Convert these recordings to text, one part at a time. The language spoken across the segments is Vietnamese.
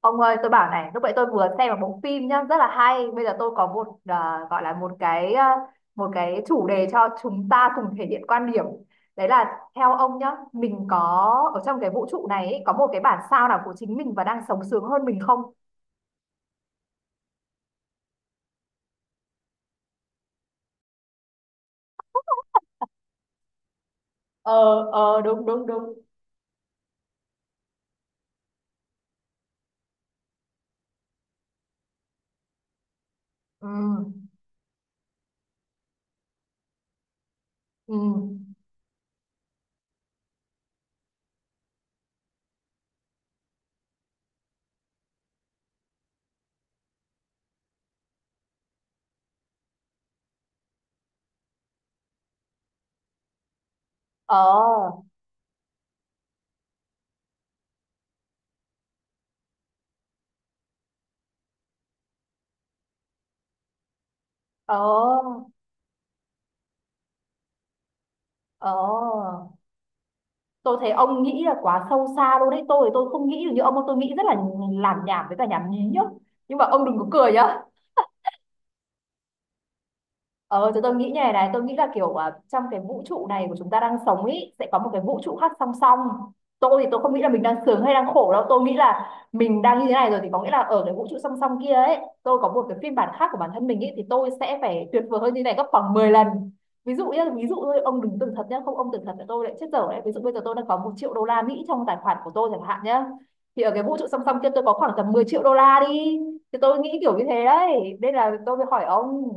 Ông ơi, tôi bảo này, lúc nãy tôi vừa xem một bộ phim nhá, rất là hay. Bây giờ tôi có một gọi là một cái một cái chủ đề cho chúng ta cùng thể hiện quan điểm. Đấy là theo ông nhá, mình có ở trong cái vũ trụ này ấy, có một cái bản sao nào của chính mình và đang sống sướng hơn mình không? Ờ. Ờ, đúng đúng đúng. Ừ. Ừ. Ờ. Ờ. Ờ. Tôi thấy ông nghĩ là quá sâu xa luôn đấy. Tôi thì tôi không nghĩ được như ông, tôi nghĩ rất là làm nhảm với cả nhảm nhí nhá. Nhưng mà ông đừng có cười nhá. Ờ, thì tôi nghĩ như này này, tôi nghĩ là kiểu trong cái vũ trụ này của chúng ta đang sống ý, sẽ có một cái vũ trụ khác song song. Tôi thì tôi không nghĩ là mình đang sướng hay đang khổ đâu, tôi nghĩ là mình đang như thế này rồi thì có nghĩa là ở cái vũ trụ song song kia ấy, tôi có một cái phiên bản khác của bản thân mình ý, thì tôi sẽ phải tuyệt vời hơn như này gấp khoảng 10 lần. Ví dụ nhá, ví dụ thôi, ông đừng tưởng thật nhá, không ông tưởng thật là tôi lại chết dở đấy. Ví dụ bây giờ tôi đang có 1 triệu đô la Mỹ trong tài khoản của tôi chẳng hạn nhá. Thì ở cái vũ trụ song song kia tôi có khoảng tầm 10 triệu đô la đi. Thì tôi nghĩ kiểu như thế đấy, nên là tôi mới hỏi ông.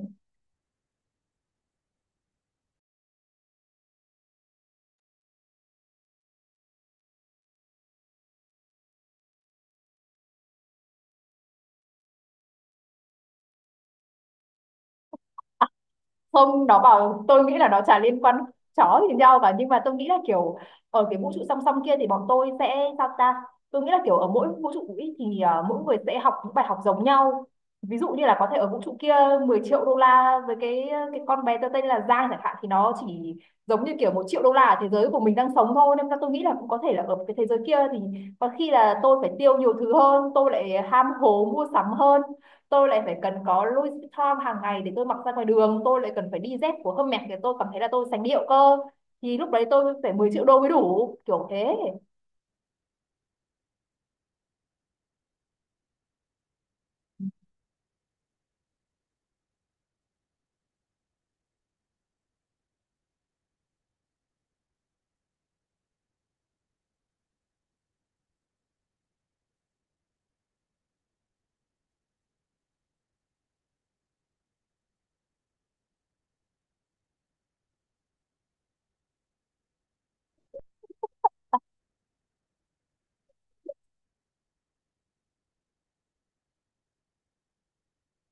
Không, nó bảo tôi nghĩ là nó chả liên quan chó gì nhau cả, nhưng mà tôi nghĩ là kiểu ở cái vũ trụ song song kia thì bọn tôi sẽ sao ta. Tôi nghĩ là kiểu ở mỗi vũ trụ ý thì mỗi người sẽ học những bài học giống nhau. Ví dụ như là có thể ở vũ trụ kia 10 triệu đô la với cái cái con bé tớ tên là Giang chẳng hạn thì nó chỉ giống như kiểu 1 triệu đô la ở thế giới của mình đang sống thôi, nên là tôi nghĩ là cũng có thể là ở cái thế giới kia thì có khi là tôi phải tiêu nhiều thứ hơn, tôi lại ham hố mua sắm hơn, tôi lại phải cần có Louis Vuitton hàng ngày để tôi mặc ra ngoài đường, tôi lại cần phải đi dép của Hermes để tôi cảm thấy là tôi sành điệu cơ, thì lúc đấy tôi phải 10 triệu đô mới đủ kiểu thế.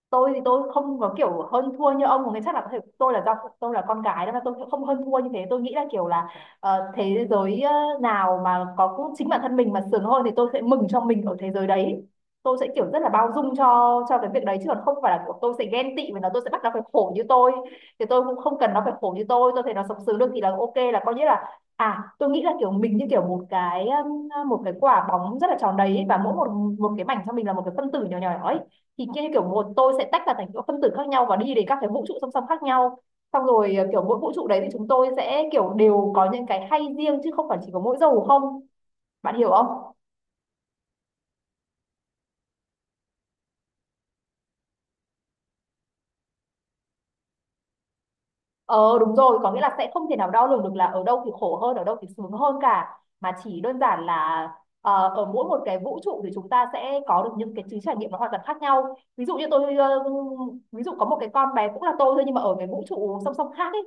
Tôi thì tôi không có kiểu hơn thua như ông, có nghĩa chắc là có thể tôi là do tôi là con gái nên là tôi sẽ không hơn thua như thế. Tôi nghĩ là kiểu là thế giới nào mà có cũng chính bản thân mình mà sướng hơn thì tôi sẽ mừng cho mình ở thế giới đấy. Tôi sẽ kiểu rất là bao dung cho cái việc đấy, chứ còn không phải là kiểu tôi sẽ ghen tị và nó tôi sẽ bắt nó phải khổ như tôi. Thì tôi cũng không cần nó phải khổ như tôi thấy nó sống sướng được thì là ok, là coi như là. À, tôi nghĩ là kiểu mình như kiểu một cái quả bóng rất là tròn đấy ấy, và mỗi một một cái mảnh trong mình là một cái phân tử nhỏ nhỏ ấy. Thì kia kiểu một tôi sẽ tách ra thành những phân tử khác nhau và đi đến các cái vũ trụ song song khác nhau, xong rồi kiểu mỗi vũ trụ đấy thì chúng tôi sẽ kiểu đều có những cái hay riêng chứ không phải chỉ có mỗi dầu không, bạn hiểu không? Ờ, đúng rồi, có nghĩa là sẽ không thể nào đo lường được là ở đâu thì khổ hơn, ở đâu thì sướng hơn cả. Mà chỉ đơn giản là ở mỗi một cái vũ trụ thì chúng ta sẽ có được những cái trí trải nghiệm nó hoàn toàn khác nhau. Ví dụ như tôi, ví dụ có một cái con bé cũng là tôi thôi nhưng mà ở cái vũ trụ song song khác ấy.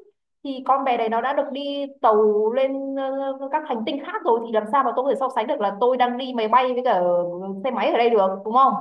Thì con bé đấy nó đã được đi tàu lên các hành tinh khác rồi thì làm sao mà tôi có thể so sánh được là tôi đang đi máy bay với cả xe máy ở đây được, đúng không?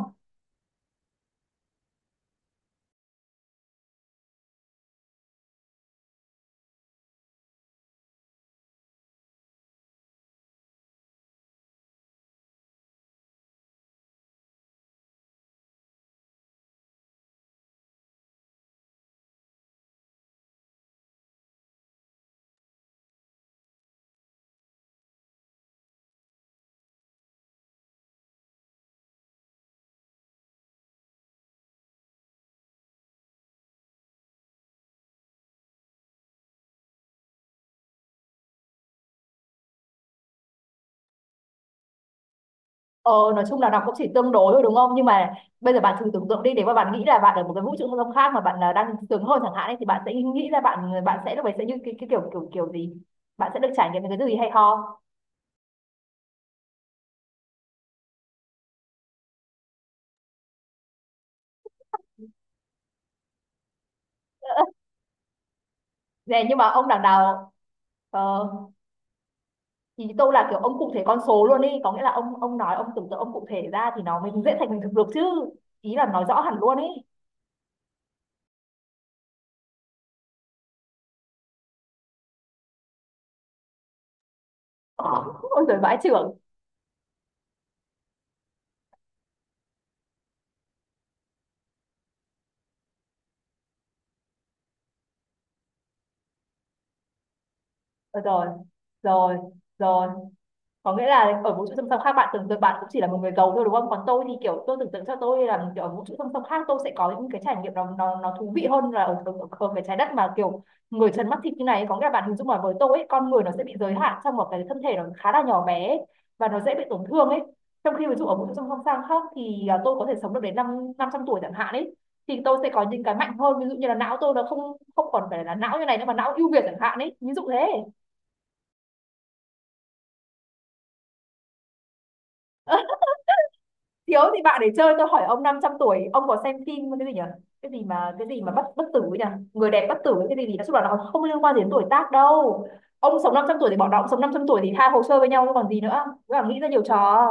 Ờ, nói chung là đọc cũng chỉ tương đối thôi đúng không? Nhưng mà bây giờ bạn thử tưởng tượng đi, nếu mà bạn nghĩ là bạn ở một cái vũ trụ không gian khác mà bạn là đang sướng hơn chẳng hạn ấy, thì bạn sẽ nghĩ ra bạn bạn sẽ lúc ấy sẽ như cái kiểu kiểu kiểu gì? Bạn sẽ được trải nghiệm những cái gì hay ho? Nè nhưng mà ông đằng nào. Ờ, ý tôi là kiểu ông cụ thể con số luôn đi, có nghĩa là ông nói ông tưởng tượng ông cụ thể ra thì nó mới dễ thành hình thực được chứ. Ý là nói rõ hẳn luôn ý. Ôi giời vãi chưởng. Ờ. Rồi rồi rồi, có nghĩa là ở vũ trụ song song khác bạn tưởng tượng bạn cũng chỉ là một người giàu thôi đúng không, còn tôi thì kiểu tôi tưởng tượng cho tôi là kiểu ở vũ trụ song song khác tôi sẽ có những cái trải nghiệm nó thú vị hơn là ở cái trái đất mà kiểu người trần mắt thịt như này, có nghĩa là bạn hình dung là với tôi ấy, con người nó sẽ bị giới hạn trong một cái thân thể nó khá là nhỏ bé ấy, và nó dễ bị tổn thương ấy, trong khi ví dụ ở vũ trụ song song sang khác thì tôi có thể sống được đến năm 500 tuổi chẳng hạn ấy. Thì tôi sẽ có những cái mạnh hơn, ví dụ như là não tôi nó không không còn phải là não như này nữa mà não ưu việt chẳng hạn ấy, ví dụ thế. Thiếu thì bạn để chơi, tôi hỏi ông 500 tuổi ông có xem phim cái gì nhỉ, cái gì mà bất bất tử ấy nhỉ, người đẹp bất tử ấy, cái gì gì nói chung là nó không liên quan gì đến tuổi tác đâu. Ông sống 500 tuổi thì bọn nó cũng sống 500 tuổi thì hai hồ sơ với nhau chứ còn gì nữa. Cứ là nghĩ ra nhiều trò.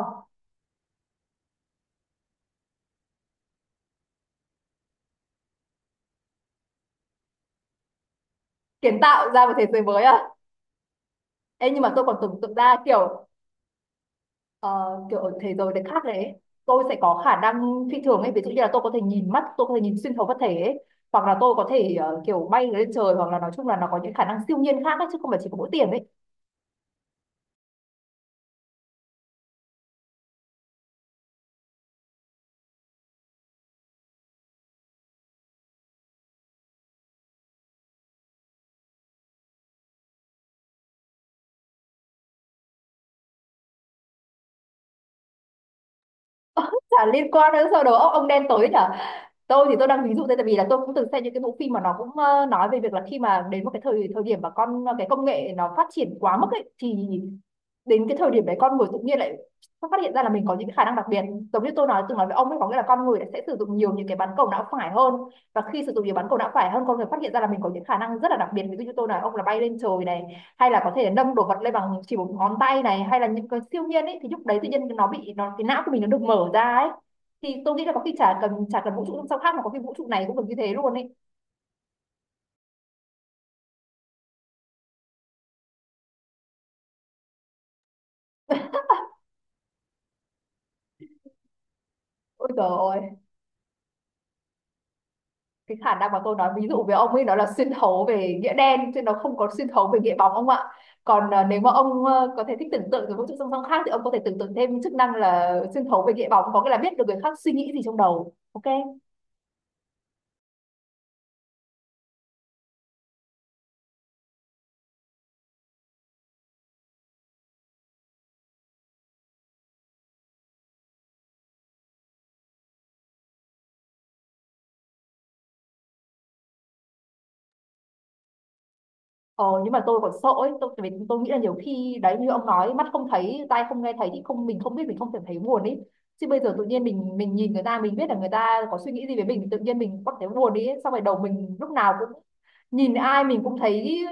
Kiến tạo ra một thế giới mới à? Ê, nhưng mà tôi còn tưởng tượng ra kiểu ờ, kiểu ở thế giới đấy khác đấy, tôi sẽ có khả năng phi thường ấy, ví dụ như là tôi có thể nhìn mắt tôi có thể nhìn xuyên thấu vật thể ấy, hoặc là tôi có thể kiểu bay lên trời, hoặc là nói chung là nó có những khả năng siêu nhiên khác ấy, chứ không phải chỉ có mỗi tiền ấy. Chả liên quan đến sau đó ông, đen tối nhở. Tôi thì tôi đang ví dụ đây, tại vì là tôi cũng từng xem những cái bộ phim mà nó cũng nói về việc là khi mà đến một cái thời thời điểm mà con cái công nghệ nó phát triển quá mức ấy, thì đến cái thời điểm đấy con người tự nhiên lại phát hiện ra là mình có những cái khả năng đặc biệt, giống như tôi nói từng nói với ông ấy, có nghĩa là con người đã sẽ sử dụng nhiều những cái bán cầu não phải hơn, và khi sử dụng nhiều bán cầu não phải hơn con người phát hiện ra là mình có những khả năng rất là đặc biệt, ví dụ như tôi nói ông là bay lên trời này, hay là có thể nâng đồ vật lên bằng chỉ một ngón tay này, hay là những cái siêu nhiên ấy, thì lúc đấy tự nhiên nó bị nó cái não của mình nó được mở ra ấy. Thì tôi nghĩ là có khi chả cần vũ trụ sao khác mà có khi vũ trụ này cũng được như thế luôn ấy. Ôi trời ơi, cái khả năng mà tôi nói ví dụ về ông ấy nó là xuyên thấu về nghĩa đen chứ nó không có xuyên thấu về nghĩa bóng ông ạ. Còn nếu mà ông có thể thích tưởng tượng về vũ trụ song song khác thì ông có thể tưởng tượng thêm chức năng là xuyên thấu về nghĩa bóng Có nghĩa là biết được người khác suy nghĩ gì trong đầu. Ok. Ờ, nhưng mà tôi còn sợ ấy, tôi, tại vì tôi nghĩ là nhiều khi đấy như ông nói mắt không thấy tai không nghe thấy thì không mình không biết mình không thể thấy buồn ấy, chứ bây giờ tự nhiên mình nhìn người ta mình biết là người ta có suy nghĩ gì về mình thì tự nhiên mình có thể buồn đi ấy. Xong rồi đầu mình lúc nào cũng nhìn ai mình cũng thấy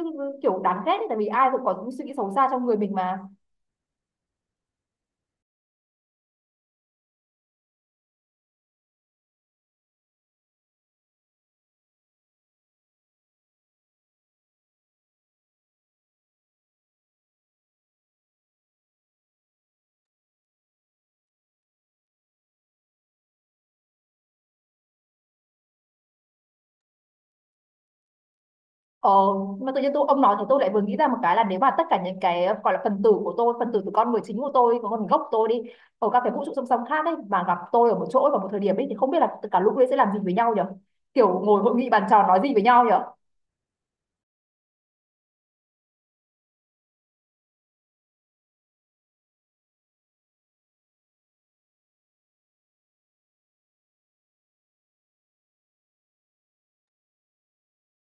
kiểu đáng ghét ấy, tại vì ai cũng có những suy nghĩ xấu xa trong người mình mà. Ờ, mà tự nhiên tôi ông nói thì tôi lại vừa nghĩ ra một cái là nếu mà tất cả những cái gọi là phần tử của tôi, phần tử của con người chính của tôi, của con gốc của tôi đi ở các cái vũ trụ song song khác ấy mà gặp tôi ở một chỗ vào một thời điểm ấy thì không biết là cả lũ ấy sẽ làm gì với nhau nhỉ? Kiểu ngồi hội nghị bàn tròn nói gì với nhau nhỉ?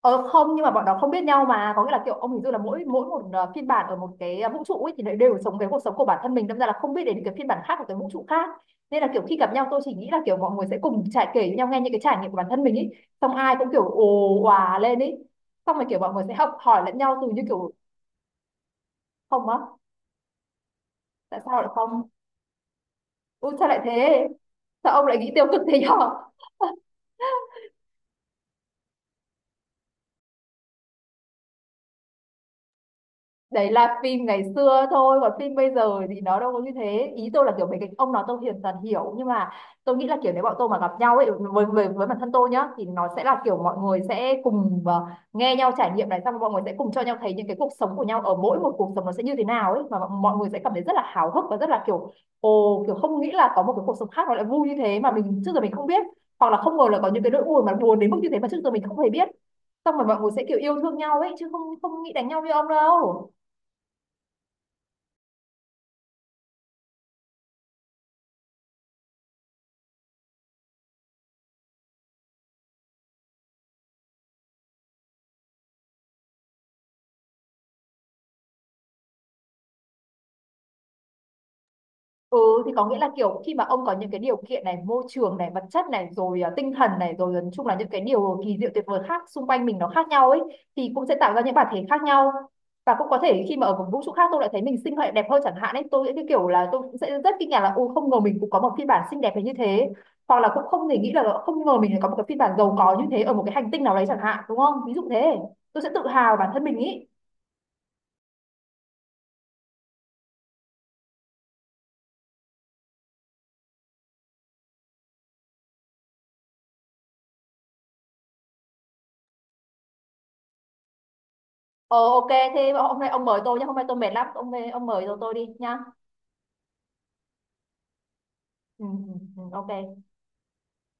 Ờ không, nhưng mà bọn nó không biết nhau mà, có nghĩa là kiểu ông hình dung là mỗi mỗi một phiên bản ở một cái vũ trụ ấy thì lại đều sống cái cuộc sống của bản thân mình, đâm ra là không biết đến cái phiên bản khác của cái vũ trụ khác. Nên là kiểu khi gặp nhau tôi chỉ nghĩ là kiểu mọi người sẽ cùng trải kể với nhau, nghe những cái trải nghiệm của bản thân mình ấy, xong ai cũng kiểu ồ òa lên ấy, xong rồi kiểu mọi người sẽ học hỏi lẫn nhau từ như kiểu. Không á. Tại sao lại không? Ui sao lại thế? Sao ông lại nghĩ tiêu cực thế nhở? Đấy là phim ngày xưa thôi, còn phim bây giờ thì nó đâu có như thế, ý tôi là kiểu mấy cái ông nói tôi hiền dần hiểu, nhưng mà tôi nghĩ là kiểu nếu bọn tôi mà gặp nhau ấy, với bản thân tôi nhá, thì nó sẽ là kiểu mọi người sẽ cùng nghe nhau trải nghiệm này, xong rồi mọi người sẽ cùng cho nhau thấy những cái cuộc sống của nhau, ở mỗi một cuộc sống nó sẽ như thế nào ấy, mà mọi mọi người sẽ cảm thấy rất là háo hức và rất là kiểu ồ, kiểu không nghĩ là có một cái cuộc sống khác nó lại vui như thế mà mình trước giờ mình không biết, hoặc là không ngờ là có những cái nỗi buồn mà buồn đến mức như thế mà trước giờ mình không hề biết, xong rồi mọi người sẽ kiểu yêu thương nhau ấy, chứ không, không nghĩ đánh nhau như ông đâu. Ừ thì có nghĩa là kiểu khi mà ông có những cái điều kiện này, môi trường này, vật chất này, rồi à, tinh thần này, rồi à, nói chung là những cái điều kỳ diệu tuyệt vời khác xung quanh mình nó khác nhau ấy, thì cũng sẽ tạo ra những bản thể khác nhau. Và cũng có thể khi mà ở một vũ trụ khác tôi lại thấy mình xinh hơn đẹp hơn chẳng hạn ấy, tôi sẽ cái kiểu là tôi cũng sẽ rất kinh ngạc là ô không ngờ mình cũng có một phiên bản xinh đẹp đến như thế. Hoặc là cũng không thể nghĩ là không ngờ mình lại có một cái phiên bản giàu có như thế ở một cái hành tinh nào đấy chẳng hạn, đúng không? Ví dụ thế. Tôi sẽ tự hào bản thân mình ý. Ờ ok, thế hôm nay ông mời tôi nhé, hôm nay tôi mệt lắm, ông mời tôi đi nhá. Ừ, ừ, ừ, ok.